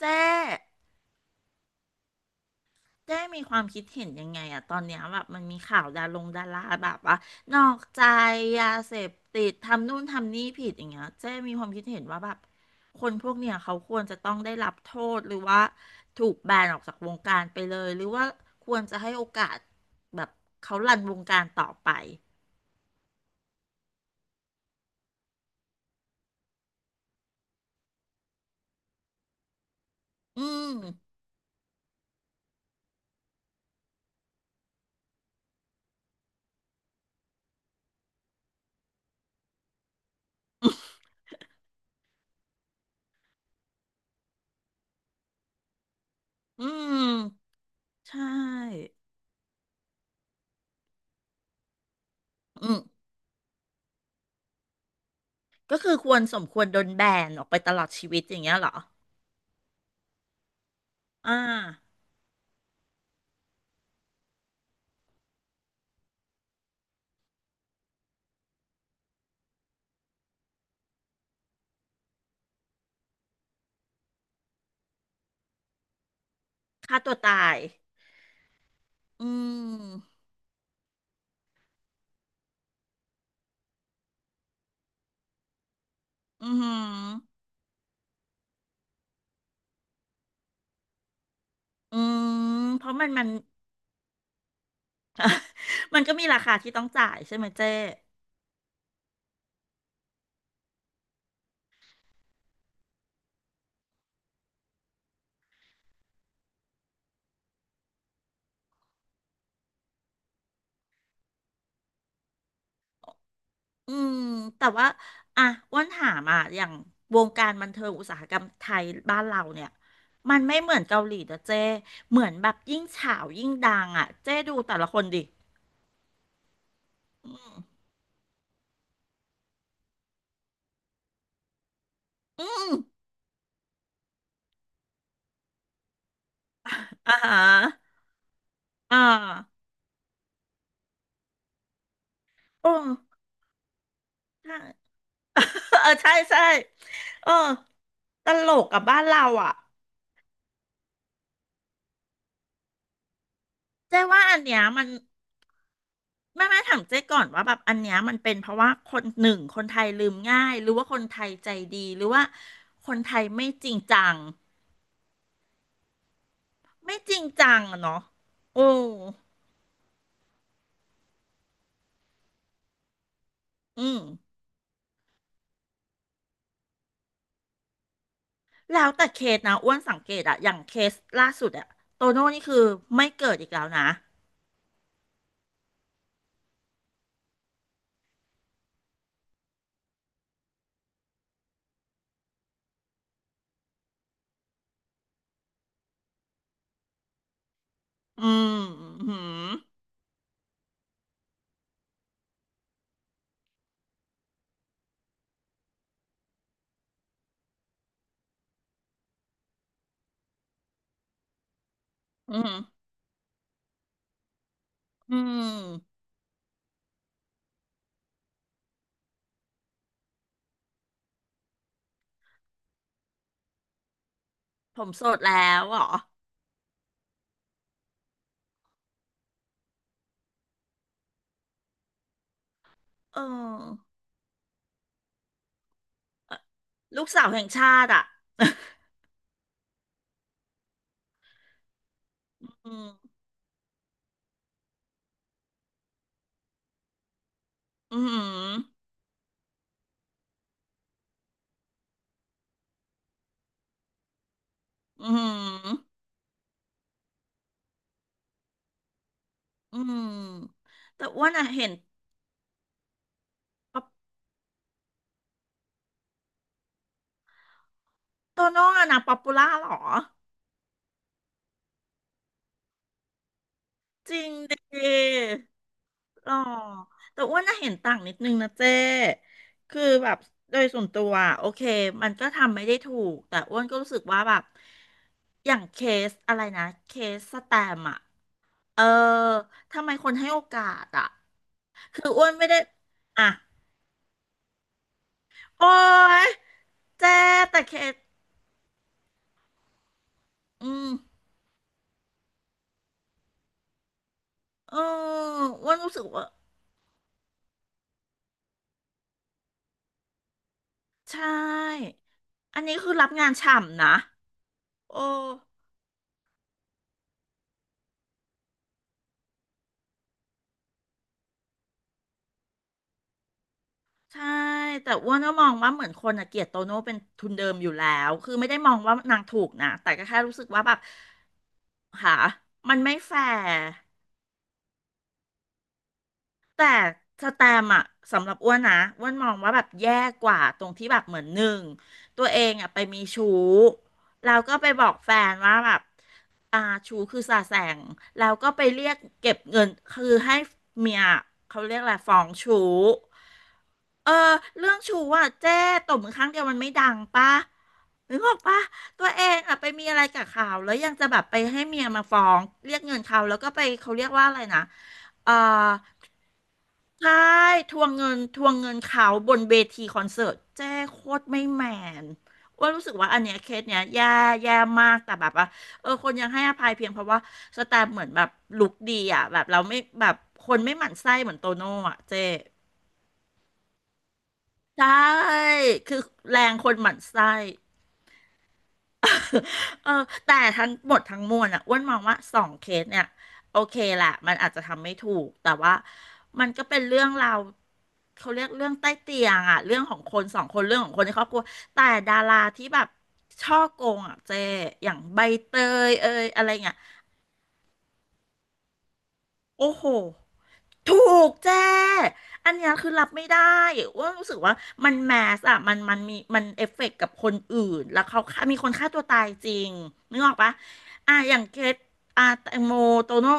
เจ๊เจ๊มีความคิดเห็นยังไงอะตอนเนี้ยแบบมันมีข่าวดารงดาราแบบว่านอกใจยาเสพติดทำนู่นทำนี่ผิดอย่างเงี้ยเจ๊มีความคิดเห็นว่าแบบคนพวกเนี้ยเขาควรจะต้องได้รับโทษหรือว่าถูกแบนออกจากวงการไปเลยหรือว่าควรจะให้โอกาสแบบเขารันวงการต่อไป อืมอืมใช่ อืม ก็คือควรสมควรโดนแบนออกไปตลอดชีวิตอย่างเงี้ยเหรออ่าฆ่าตัวตาย อืมอือหืออืม เพราะมัน มันก็มีราคาที่ต้องจ่ายใช่ไหมเจ๊อืมแต่ว่าอ่ะอ้วนถามอ่ะอย่างวงการบันเทิงอุตสาหกรรมไทยบ้านเราเนี่ยมันไม่เหมือนเกาหลีนะเจ๊เหมือนแบบยิ่งฉาวยิ่งดังอ่ะเจ๊ดูแต่ละคนดิอืมอ่าฮะอ่าโอ้ใช่ เออใช่ใช่เออตลกกับบ้านเราอ่ะเจ๊ว่าอันเนี้ยมัน ไม่ถามเจ๊ก่อนว่าแบบอันเนี้ยมันเป็นเพราะว่าคนหนึ่งคนไทยลืมง่ายหรือว่าคนไทยใจดีหรือว่าคนไทยไม่จริงจังไม่จริงจังอะเนาะโอ้อืมแล้วแต่เคสนะอ้วนสังเกตอะอย่างเคสล่าสุดอะโตโน่นี่คือไม่เกิดอีกแล้วนะอืมอืมอืมอืมผมโสดแล้วเหรอเออลูกสาวแห่งชาติอะ อืมอืมอืม อืมแต่อ้วนอะเห็นป๊อปโตโน่อะนะป๊อปปูล่าหรอจริงดิหรอแต่อ้วนน่ะเห็นต่างนิดนึงนะเจ้คือแบบโดยส่วนตัวอะโอเคมันก็ทำไม่ได้ถูกแต่อ้วนก็รู้สึกว่าแบบอย่างเคสอะไรนะเคสสแตมป์อะเออทำไมคนให้โอกาสอะคืออ้วนไม่ได้อ่ะโอ๊ยเจ้แต่เคสอืมเอออ้วนรู้สึกว่าใช่ อันนี้คือรับงานฉ่ำนะโอ้ใช่แต่อ้วนก็มองว่าเหมือนคนอะเกลียดโตโน่เป็นทุนเดิมอยู่แล้วคือไม่ได้มองว่านางถูกนะแต่ก็แค่รู้สึกว่าแบบหา มันไม่แฟร์ แต่สแตมป์อะสำหรับอ้วนนะอ้วนมองว่าแบบแย่กว่าตรงที่แบบเหมือนหนึ่งตัวเองอะไปมีชู้แล้วก็ไปบอกแฟนว่าแบบอ่าชู้คือสาแสงแล้วก็ไปเรียกเก็บเงินคือให้เมียเขาเรียกอะไรฟ้องชู้เออเรื่องชู้อะเจ๊ตบมือครั้งเดียวมันไม่ดังปะนึกออกปะตัวเองอะไปมีอะไรกับเขาแล้วยังจะแบบไปให้เมียมาฟ้องเรียกเงินเขาแล้วก็ไปเขาเรียกว่าอะไรนะเอ่อ ใช่ทวงเงินทวงเงินเขาบนเวทีคอนเสิร์ตแจ้โคตรไม่แมนอ้วนรู้สึกว่าอันเนี้ยเคสเนี้ยแย่แย่มากแต่แบบว่าเออคนยังให้อภัยเพียงเพราะว่าสแตมป์เหมือนแบบลุคดีอ่ะแบบเราไม่แบบคนไม่หมั่นไส้เหมือนโตโน่อ่ะเจ๊ใช่คือแรงคนหมั่นไส้ เออแต่ทั้งหมดทั้งมวลอ่ะอ้วนมองว่าสองเคสเนี่ยโอเคแหละมันอาจจะทำไม่ถูกแต่ว่ามันก็เป็นเรื่องราวเขาเรียกเรื่องใต้เตียงอ่ะเรื่องของคนสองคนเรื่องของคนในครอบครัวแต่ดาราที่แบบช่อโกงอ่ะเจอย่างใบเตยเอยอะไรเงี้ยโอ้โห ถูกแจ้อันเนี้ยคือรับไม่ได้ ว่ารู้สึกว่ามันแมสอะมันมีมันเอฟเฟกต์กับคนอื่นแล้วเขาฆ่ามีคนฆ่าตัวตายจริงนึกออกปะอ่ะอย่างเคสอ่ะแตงโมโตโน่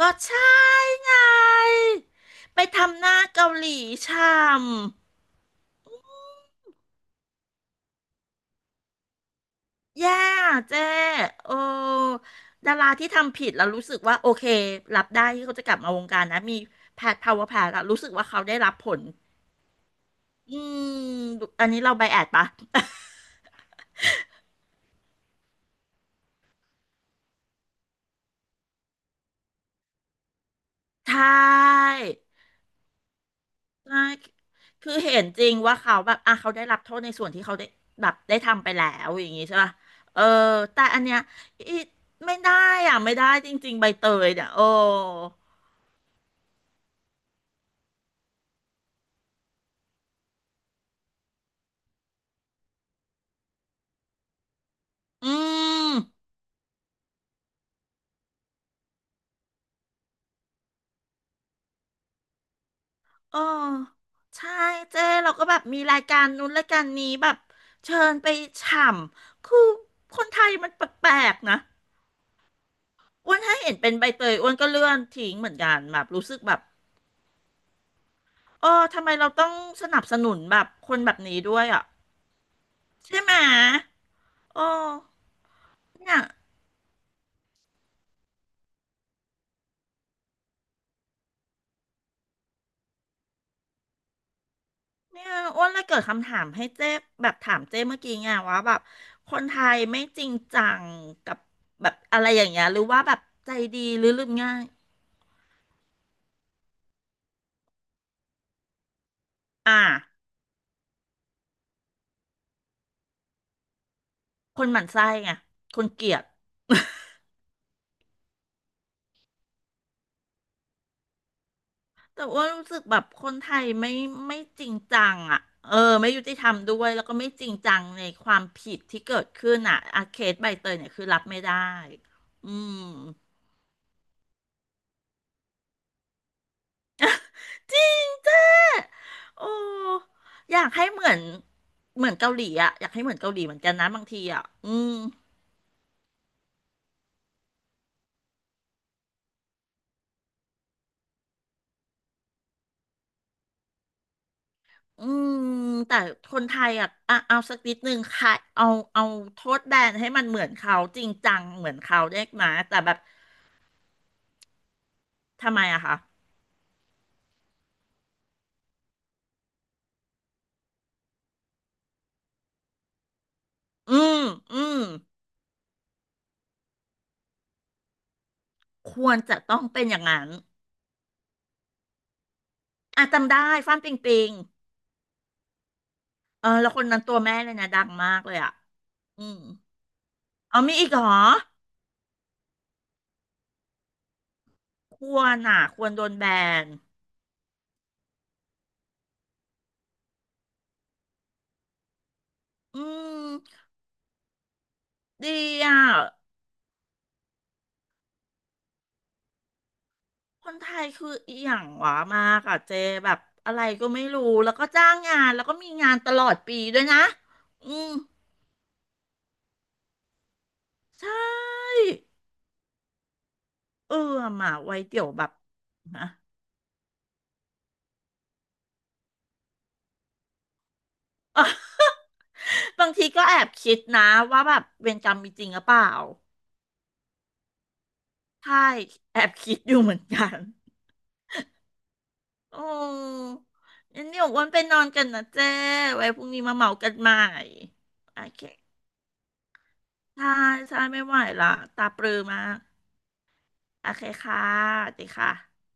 ก็ใช่ไง ไปทำหน้าเกาหลีช่ำ แย่เจ้โอ้ดาราที่ทำผิดแล้วรู้สึกว่าโอเครับได้ที่เขาจะกลับมาวงการนะมีแพทพาวเวอร์แพทอะรู้สึกว่าเขาได้รับผล อืมอันนี้เราไบแอดปะใช่ใช่ คือเห็นจริงว่าเขาแบบอ่ะเขาได้รับโทษในส่วนที่เขาได้แบบได้ทำไปแล้วอย่างงี้ใช่ป่ะเออแต่อันเนี้ยอีไม่ได้อ่ะไม่ได้จริงๆใบเตยเนี่ยโอ้อืมเออใช่เจ้เราก็แบบมีรายการนู้นรายการนี้แบบเชิญไปฉ่ำคือคนไทยมันแปลกๆนะอ้วนถ้าเห็นเป็นใบเตยอ้วนก็เลื่อนทิ้งเหมือนกันแบบรู้สึกแบบ เออทำไมเราต้องสนับสนุนแบบคนแบบนี้ด้วยอ่ะใช่ไหมโอ้เนี่ยเนี่ยอ้วนเลยเกิดคำถามให้เจ๊แบบถามเจ๊เมื่อกี้ไงว่าแบบคนไทยไม่จริงจังกับแบบอะไรอย่างเงี้ยหรือว่าแบบใจดีหรือลืมง่ายอ่าคนหมั่นไส้ไงคนเกลียด แต่ว่ารู้สึกแบบคนไทยไม่จริงจังอ่ะเออไม่ยุติธรรมด้วยแล้วก็ไม่จริงจังในความผิดที่เกิดขึ้นอ่ะอาเคสใบเตยเนี่ยคือรับไม่ได้อืมจริงจ้าโอ้อยากให้เหมือนเหมือนเกาหลีอ่ะอยากให้เหมือนเกาหลีเหมือนกันนะบางทีอ่ะอืมอืมแต่คนไทยอ่ะอ่ะเอาสักนิดนึงค่ะเอาโทษแบนให้มันเหมือนเขาจริงจังเหมือนเขาได้ไหมแต่แบบทำไมอะคะอืมอืม ควรจะต้องเป็นอย่างนั้นอ่ะจำได้ฟ้านปิงปิงเออแล้วคนนั้นตัวแม่เลยนะดังมากเลยอ่ะอืมเอามีอีกเหรอควรอ่ะควรโดนแบนอืมดีอ่ะคนไทยคืออหย่างหวามากอ่ะเจแบบอะไรก็ไม่รู้แล้วก็จ้างงานแล้วก็มีงานตลอดปีด้วยนะ อืมใช่เออมาไว้เดี๋ยวแบบนะ อ่ะ บางทีก็แอบคิดนะว่าแบบเวรกรรมมีจริงหรือเปล่า ใช่แอบคิดอยู่เหมือนกันโอ้งั้นเดี๋ยวอ้วันไปนอนกันนะเจ้ไว้พรุ่งนี้มาเมากันใหม่โอเคใช่ใช่ไม่ไหวละตาปรือมากโอเคค่ะสวัสดีค่ะ